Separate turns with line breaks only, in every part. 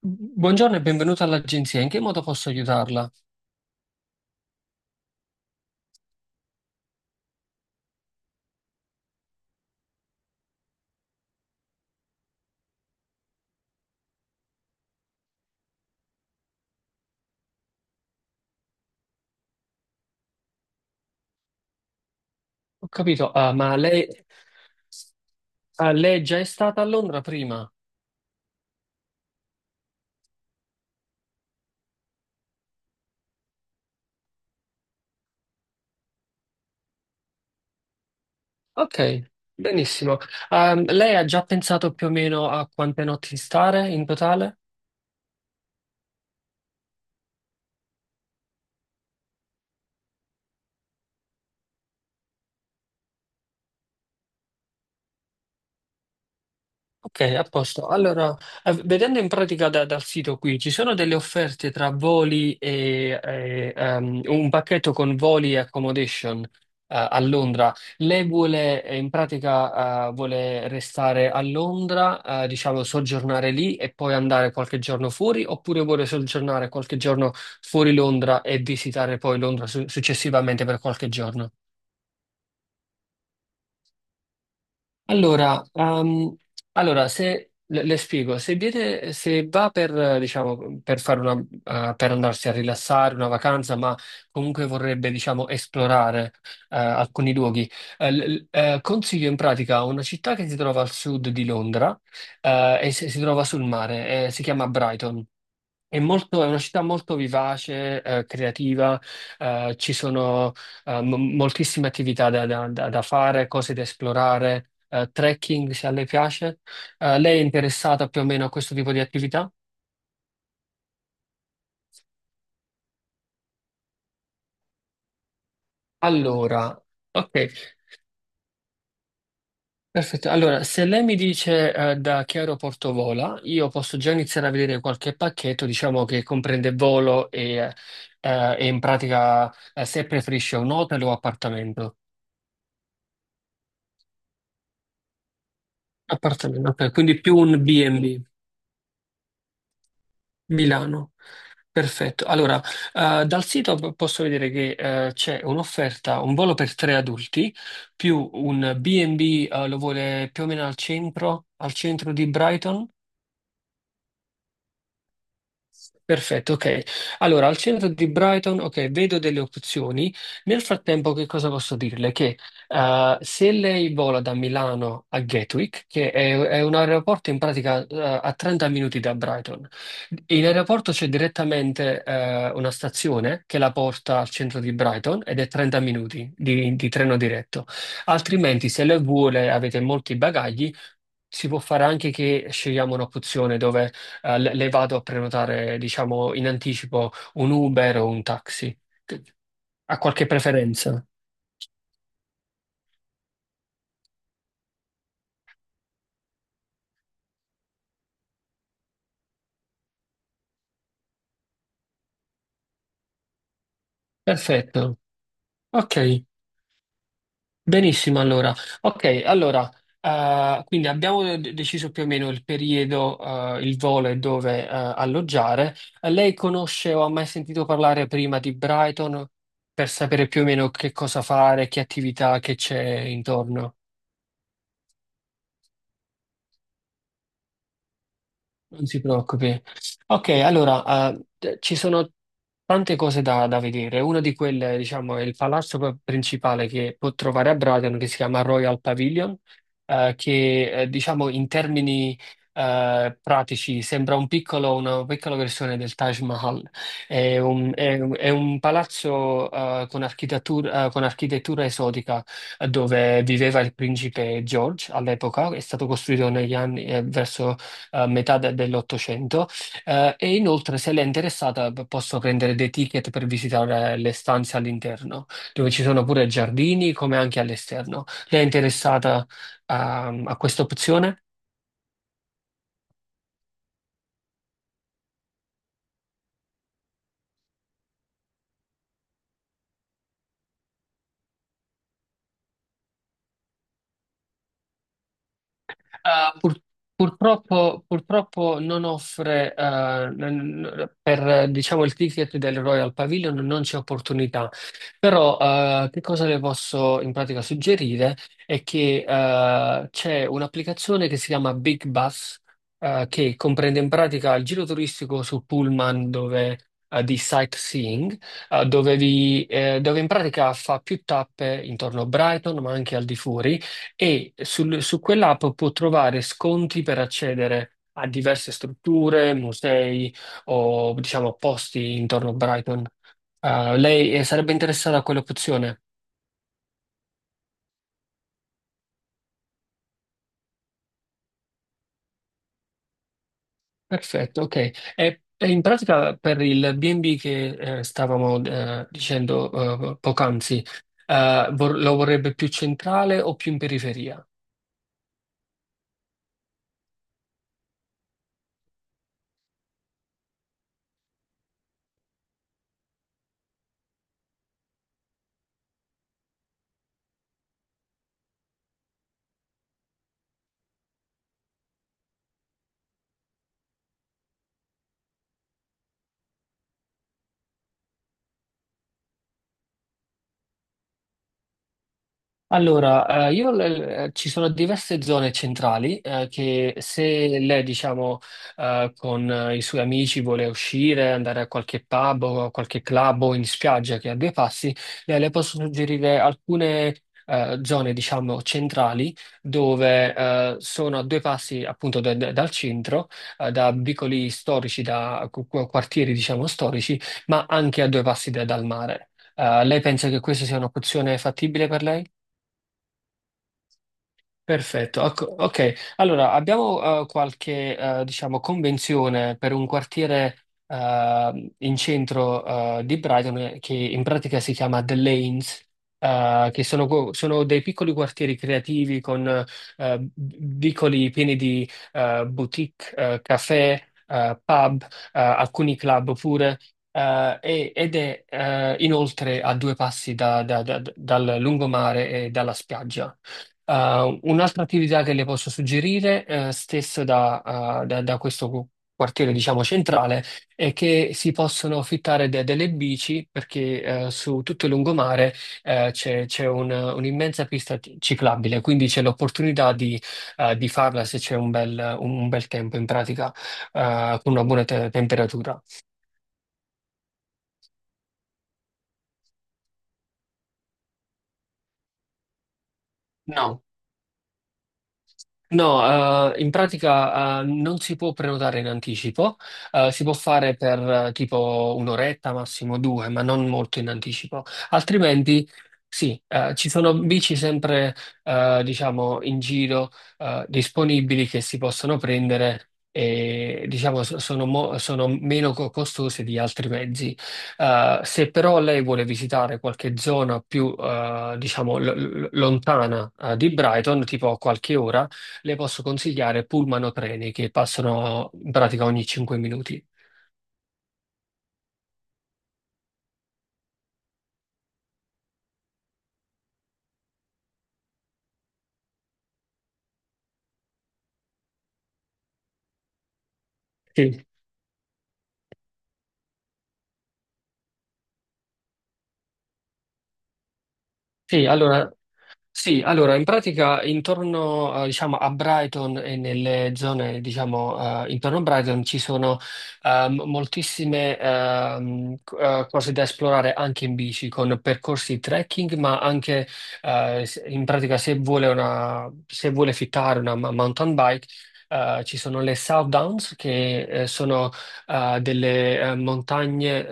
Buongiorno e benvenuta all'agenzia. In che modo posso aiutarla? Ho capito, ah, lei già è stata a Londra prima? Ok, benissimo. Ah, lei ha già pensato più o meno a quante notti stare in totale? Ok, a posto. Allora, vedendo in pratica dal sito qui, ci sono delle offerte tra voli e, un pacchetto con voli e accommodation, a Londra. Lei vuole, in pratica, vuole restare a Londra, diciamo, soggiornare lì e poi andare qualche giorno fuori, oppure vuole soggiornare qualche giorno fuori Londra e visitare poi Londra successivamente per qualche giorno? Allora, allora, se le spiego, se viene, se va per, diciamo, per fare una, per andarsi a rilassare, una vacanza, ma comunque vorrebbe, diciamo, esplorare, alcuni luoghi, consiglio in pratica una città che si trova al sud di Londra, e si trova sul mare, si chiama Brighton. È una città molto vivace, creativa, ci sono moltissime attività da fare, cose da esplorare, trekking se a lei piace. Lei è interessata più o meno a questo tipo di attività? Allora, ok, perfetto. Allora, se lei mi dice da che aeroporto vola, io posso già iniziare a vedere qualche pacchetto, diciamo che comprende volo e in pratica se preferisce un hotel o appartamento. Appartamento, ok, quindi più un B&B, Milano. Perfetto. Allora, dal sito posso vedere che c'è un'offerta, un volo per tre adulti, più un B&B, lo vuole più o meno al centro di Brighton. Perfetto, ok. Allora, al centro di Brighton, ok, vedo delle opzioni. Nel frattempo, che cosa posso dirle? Che se lei vola da Milano a Gatwick, che è un aeroporto in pratica a 30 minuti da Brighton, in aeroporto c'è direttamente una stazione che la porta al centro di Brighton ed è 30 minuti di treno diretto. Altrimenti, se lei vuole, avete molti bagagli. Si può fare anche che scegliamo un'opzione dove le vado a prenotare, diciamo, in anticipo un Uber o un taxi. Ha qualche preferenza? Perfetto. Ok, benissimo allora. Ok, allora, quindi abbiamo deciso più o meno il periodo, il volo e dove, alloggiare. Lei conosce o ha mai sentito parlare prima di Brighton per sapere più o meno che cosa fare, che attività che c'è intorno? Non si preoccupi. Ok, allora, ci sono tante cose da vedere. Una di quelle, diciamo, è il palazzo principale che può trovare a Brighton, che si chiama Royal Pavilion, che, diciamo, in termini, pratici sembra una piccola versione del Taj Mahal. È un palazzo, con architettura esotica, dove viveva il principe George all'epoca. È stato costruito negli anni, verso metà dell'Ottocento, e inoltre se l'è interessata posso prendere dei ticket per visitare le stanze all'interno, dove ci sono pure giardini come anche all'esterno. Lei è interessata a questa opzione? Uh, pur- purtroppo, non offre, per diciamo, il ticket del Royal Pavilion non c'è opportunità, però che cosa le posso in pratica suggerire è che c'è un'applicazione che si chiama Big Bus, che comprende in pratica il giro turistico su Pullman dove, di sightseeing, dove, dove in pratica fa più tappe intorno a Brighton, ma anche al di fuori e su quell'app può trovare sconti per accedere a diverse strutture, musei o diciamo posti intorno a Brighton. Ah, lei sarebbe interessata a quell'opzione? Perfetto, ok. E in pratica per il B&B che stavamo dicendo poc'anzi, lo vorrebbe più centrale o più in periferia? Allora, io ci sono diverse zone centrali che se lei, diciamo, con i suoi amici vuole uscire, andare a qualche pub o a qualche club o in spiaggia che ha due passi, le posso suggerire alcune zone, diciamo, centrali dove sono a due passi appunto dal centro, da vicoli storici, da quartieri, diciamo, storici, ma anche a due passi dal mare. Lei pensa che questa sia un'opzione fattibile per lei? Perfetto, ok. Ok. Allora, abbiamo qualche, diciamo, convenzione per un quartiere in centro di Brighton che in pratica si chiama The Lanes, che sono, sono dei piccoli quartieri creativi con vicoli pieni di boutique, caffè, pub, alcuni club pure. Ed è inoltre a due passi dal lungomare e dalla spiaggia. Un'altra attività che le posso suggerire, stesso da questo quartiere, diciamo, centrale, è che si possono affittare delle bici perché su tutto il lungomare c'è un'immensa pista ciclabile, quindi c'è l'opportunità di farla se c'è un bel tempo in pratica, con una buona temperatura. No. No, in pratica, non si può prenotare in anticipo, si può fare per tipo un'oretta, massimo due, ma non molto in anticipo. Altrimenti, sì, ci sono bici sempre, diciamo, in giro, disponibili che si possono prendere e, diciamo, sono meno costose di altri mezzi. Se però lei vuole visitare qualche zona più, diciamo, lontana, di Brighton, tipo a qualche ora, le posso consigliare pullman o treni che passano in pratica ogni 5 minuti. Sì. Sì, allora in pratica intorno diciamo, a Brighton e nelle zone diciamo, intorno a Brighton ci sono moltissime cose da esplorare anche in bici con percorsi trekking, ma anche in pratica se vuole, se vuole fittare una mountain bike. Ci sono le South Downs che sono delle montagne,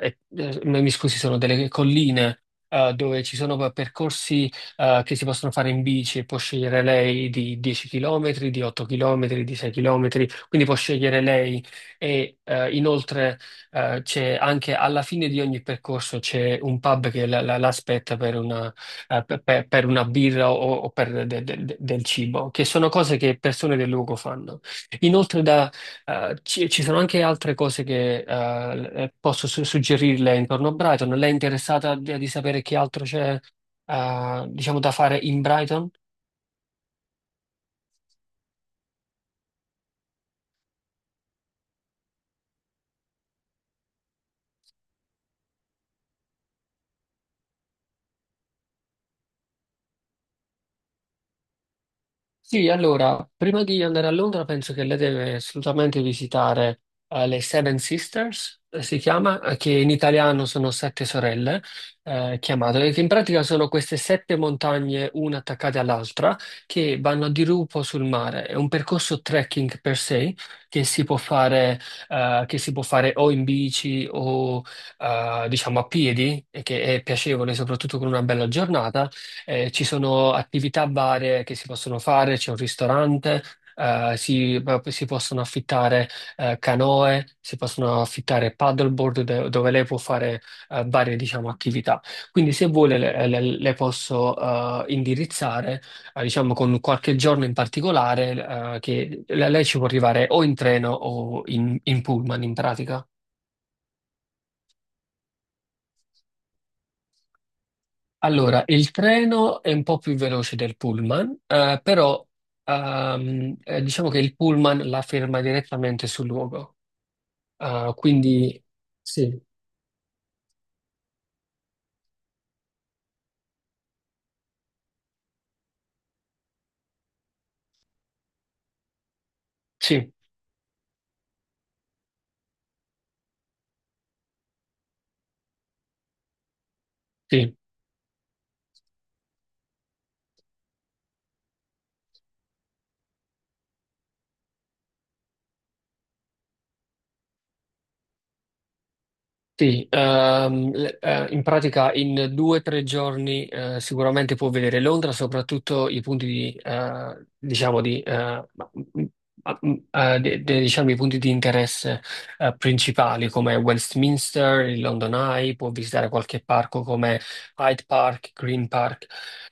mi scusi, sono delle colline dove ci sono percorsi che si possono fare in bici, può scegliere lei di 10 km, di 8 km, di 6 km, quindi può scegliere lei e inoltre c'è anche alla fine di ogni percorso c'è un pub che l'aspetta per una, per una birra o per del cibo, che sono cose che persone del luogo fanno. Inoltre ci sono anche altre cose che posso suggerirle intorno a Brighton. Lei è interessata di sapere che altro c'è diciamo, da fare in Brighton? Sì, allora, prima di andare a Londra penso che lei deve assolutamente visitare le Seven Sisters, si chiama, che in italiano sono sette sorelle, chiamate, che in pratica sono queste sette montagne, una attaccate all'altra, che vanno a dirupo sul mare. È un percorso trekking per sé che si può fare, che si può fare o in bici o diciamo a piedi, e che è piacevole soprattutto con una bella giornata. Ci sono attività varie che si possono fare, c'è un ristorante, si possono affittare canoe, si possono affittare paddleboard dove lei può fare varie, diciamo, attività. Quindi se vuole le posso indirizzare, diciamo, con qualche giorno in particolare che lei ci può arrivare o in treno o in pullman in pratica. Allora, il treno è un po' più veloce del pullman, però diciamo che il pullman la ferma direttamente sul luogo. Quindi sì, sì, sì. Sì, in pratica in 2 o 3 giorni sicuramente può vedere Londra, soprattutto i punti di, diciamo di, ma- m- diciamo i punti di interesse principali come Westminster, il London Eye, può visitare qualche parco come Hyde Park, Green Park.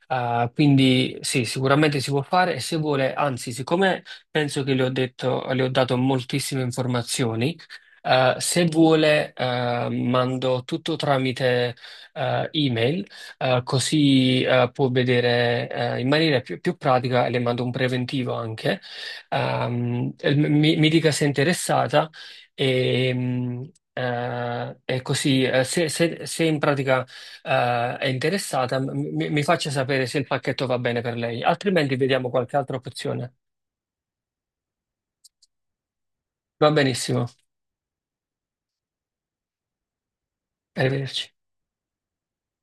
Quindi sì, sicuramente si può fare e se vuole, anzi, siccome penso che le ho detto, le ho dato moltissime informazioni. Se vuole, mando tutto tramite email, così può vedere in maniera più, più pratica e le mando un preventivo anche. Mi dica se è interessata e, mm, e così se in pratica è interessata mi faccia sapere se il pacchetto va bene per lei, altrimenti vediamo qualche altra opzione. Va benissimo, arrivederci.